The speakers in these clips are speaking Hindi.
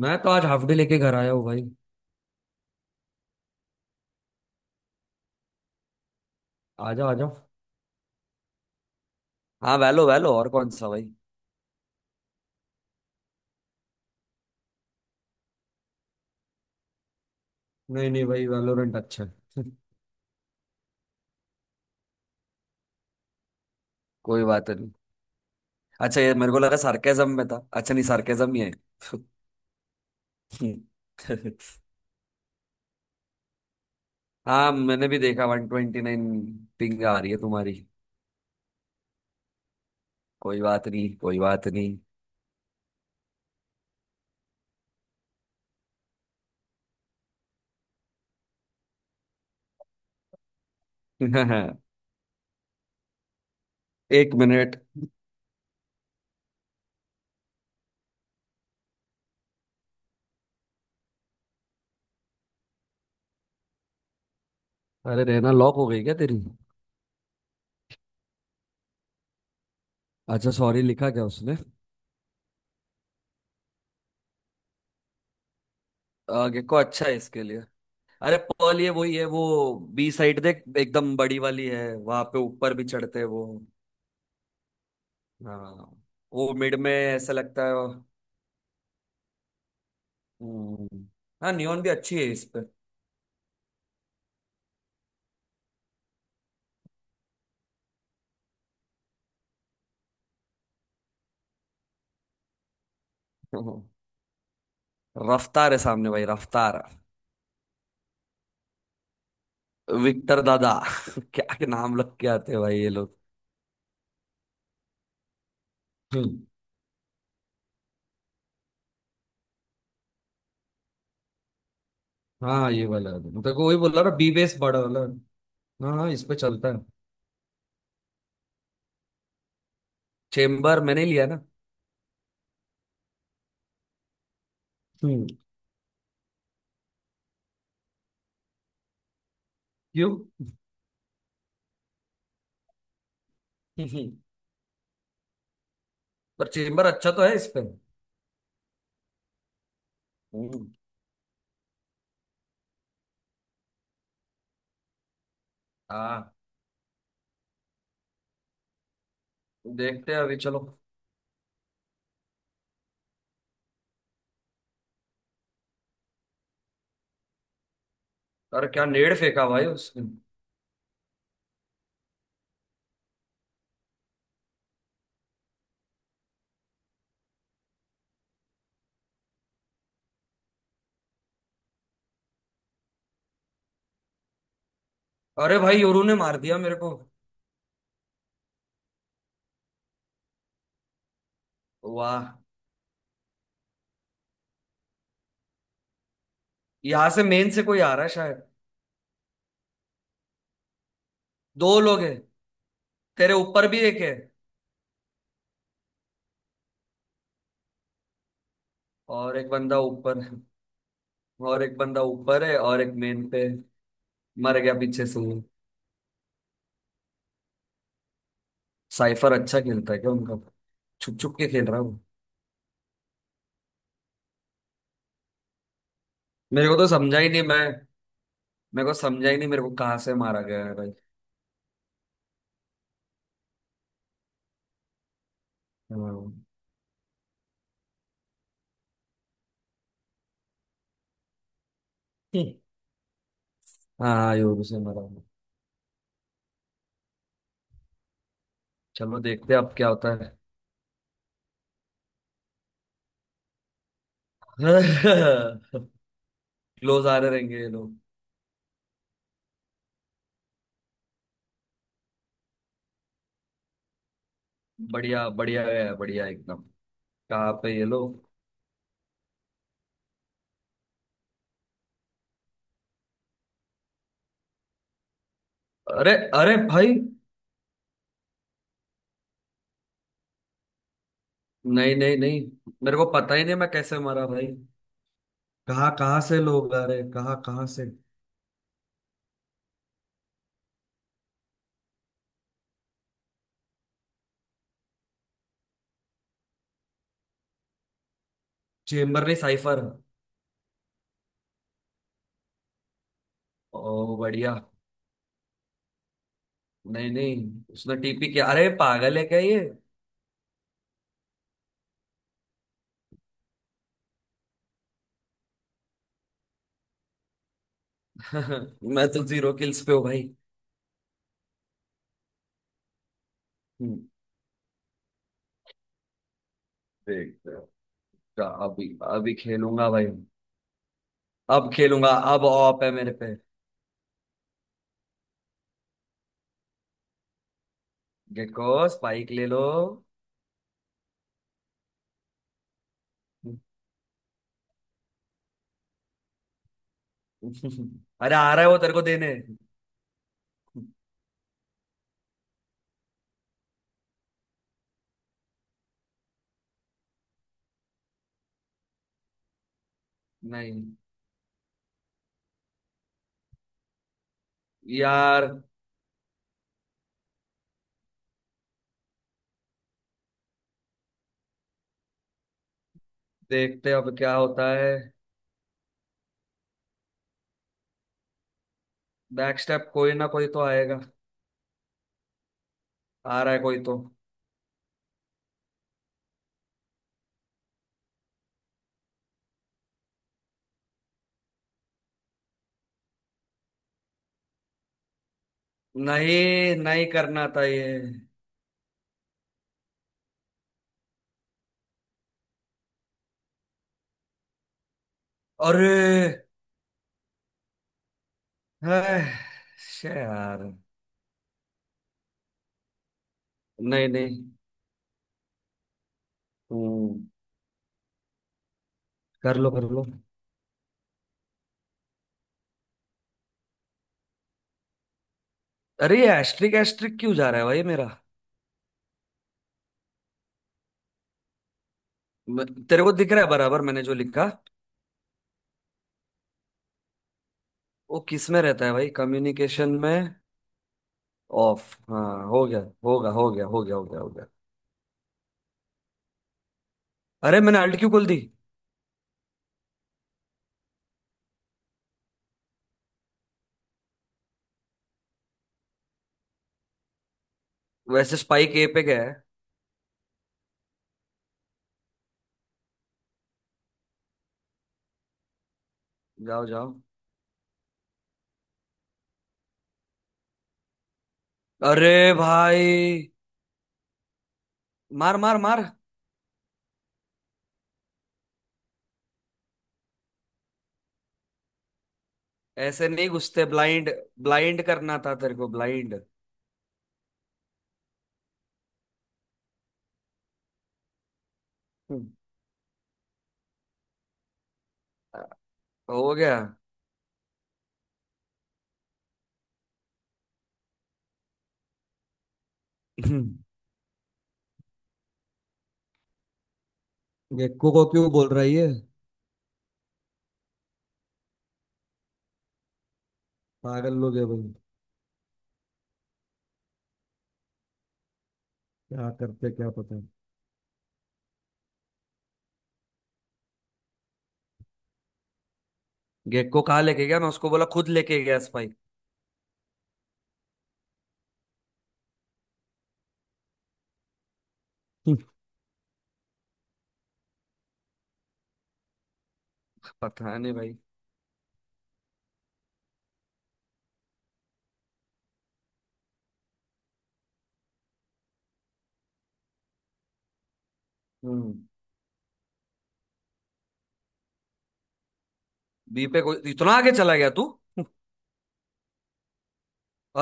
मैं तो आज हाफ डे लेके घर आया हूँ भाई। आ जाओ आ जाओ। हाँ, वैलो वैलो और कौन सा भाई। नहीं नहीं भाई, वैलोरेंट अच्छा है। कोई बात नहीं। अच्छा, ये मेरे को लगा सार्केज्म में था। अच्छा नहीं, सार्केज्म ही है। हाँ, मैंने भी देखा 129। पिंग आ रही है तुम्हारी। कोई बात नहीं, कोई बात नहीं। एक मिनट। अरे रहना, लॉक हो गई क्या तेरी। अच्छा, सॉरी लिखा क्या उसने। गेको अच्छा है इसके लिए। अरे पर्ल, ये वही है वो। बी साइड देख, एकदम बड़ी वाली है, वहां पे ऊपर भी चढ़ते हैं वो। हाँ, वो मिड में ऐसा लगता है। हम्म। हाँ, नियॉन भी अच्छी है इस पे। हम्म, रफ्तार है सामने भाई, रफ्तार। विक्टर दादा। क्या के नाम लग के आते हैं भाई ये लोग। हम्म, हाँ, ये वाला मैं तेरे को वही बोल रहा ना, बी बेस बड़ा वाला। हाँ हाँ, इस पे चलता है। चेम्बर मैंने लिया ना। हम्म। क्यों। पर चेम्बर अच्छा तो है इस पे। हम्म, हाँ। देखते हैं अभी, चलो। अरे क्या नेड़ फेंका भाई उसने। अरे भाई, योरू ने मार दिया मेरे को। वाह। यहाँ से मेन से कोई आ रहा है शायद। दो लोग हैं। तेरे ऊपर भी एक है। और एक बंदा ऊपर है। और एक बंदा ऊपर है और एक मेन पे। मर गया पीछे से वो। साइफर अच्छा खेलता है क्या उनका। छुप छुप के खेल रहा है वो। मेरे को तो समझा ही नहीं मैं। मेरे को समझा ही नहीं, मेरे को कहाँ से मारा गया है भाई। हाँ, हाँ, योरू से मारा। चलो देखते हैं अब क्या होता है। क्लोज आ रहे रहेंगे ये लोग। बढ़िया, बढ़िया है बढ़िया एकदम। कहाँ पे ये लोग। अरे। अरे भाई। नहीं नहीं नहीं, मेरे को पता ही नहीं मैं कैसे मरा भाई। कहाँ कहाँ से लोग आ रहे, कहाँ कहाँ से। चेम्बर नहीं, साइफर। ओ बढ़िया। नहीं नहीं, उसने टीपी किया, अरे पागल है क्या ये। मैं तो जीरो किल्स पे हूँ भाई। हम्म, देखते हैं। क्या अभी। अभी खेलूंगा भाई। अब खेलूंगा। अब ऑप है मेरे पे। गेको, स्पाइक ले लो। अरे आ रहा है वो तेरे को देने। नहीं, यार। देखते हैं अब क्या होता है। बैक स्टेप, कोई ना कोई तो आएगा। आ रहा है कोई तो। नहीं नहीं, करना था ये। अरे। है, शे यार। नहीं नहीं। हम्म। कर लो कर लो। अरे ये एस्ट्रिक एस्ट्रिक क्यों जा रहा है भाई मेरा। म- तेरे को दिख रहा है बराबर मैंने जो लिखा। वो किस में रहता है भाई, कम्युनिकेशन में। ऑफ, हाँ हो गया। होगा, हो गया हो गया हो गया हो गया। अरे मैंने अल्ट क्यों खोल दी। वैसे स्पाइक ए पे गया है। जाओ जाओ। अरे भाई। मार मार मार। ऐसे नहीं घुसते ब्लाइंड। ब्लाइंड करना था तेरे को, ब्लाइंड। हम्म, हो गया। गेको को क्यों बोल रहा है ये। पागल लोग है भाई। क्या करते क्या पता। गेको कहाँ लेके गया, मैं उसको बोला खुद लेके गया स्पाइक। हम्म, पता नहीं भाई। हम्म। बी पे कोई इतना आगे चला गया तू।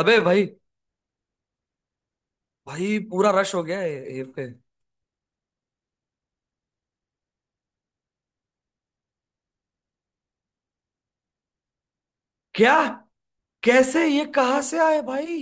अबे भाई। भाई पूरा रश हो गया है। ए पे। क्या। कैसे, ये कहाँ से आए भाई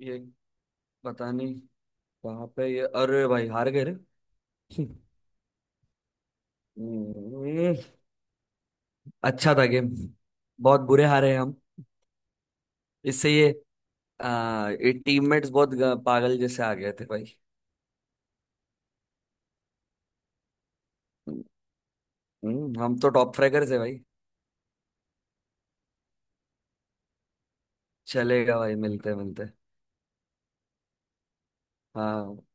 ये। पता नहीं। कहाँ पे ये, अरे भाई हार गए रे। हम्म, अच्छा था गेम। बहुत बुरे हारे हैं हम। इससे ये। ये टीममेट्स बहुत पागल जैसे आ गए थे भाई। हम तो टॉप फ्रैगर्स है भाई। चलेगा भाई, मिलते मिलते। हाँ।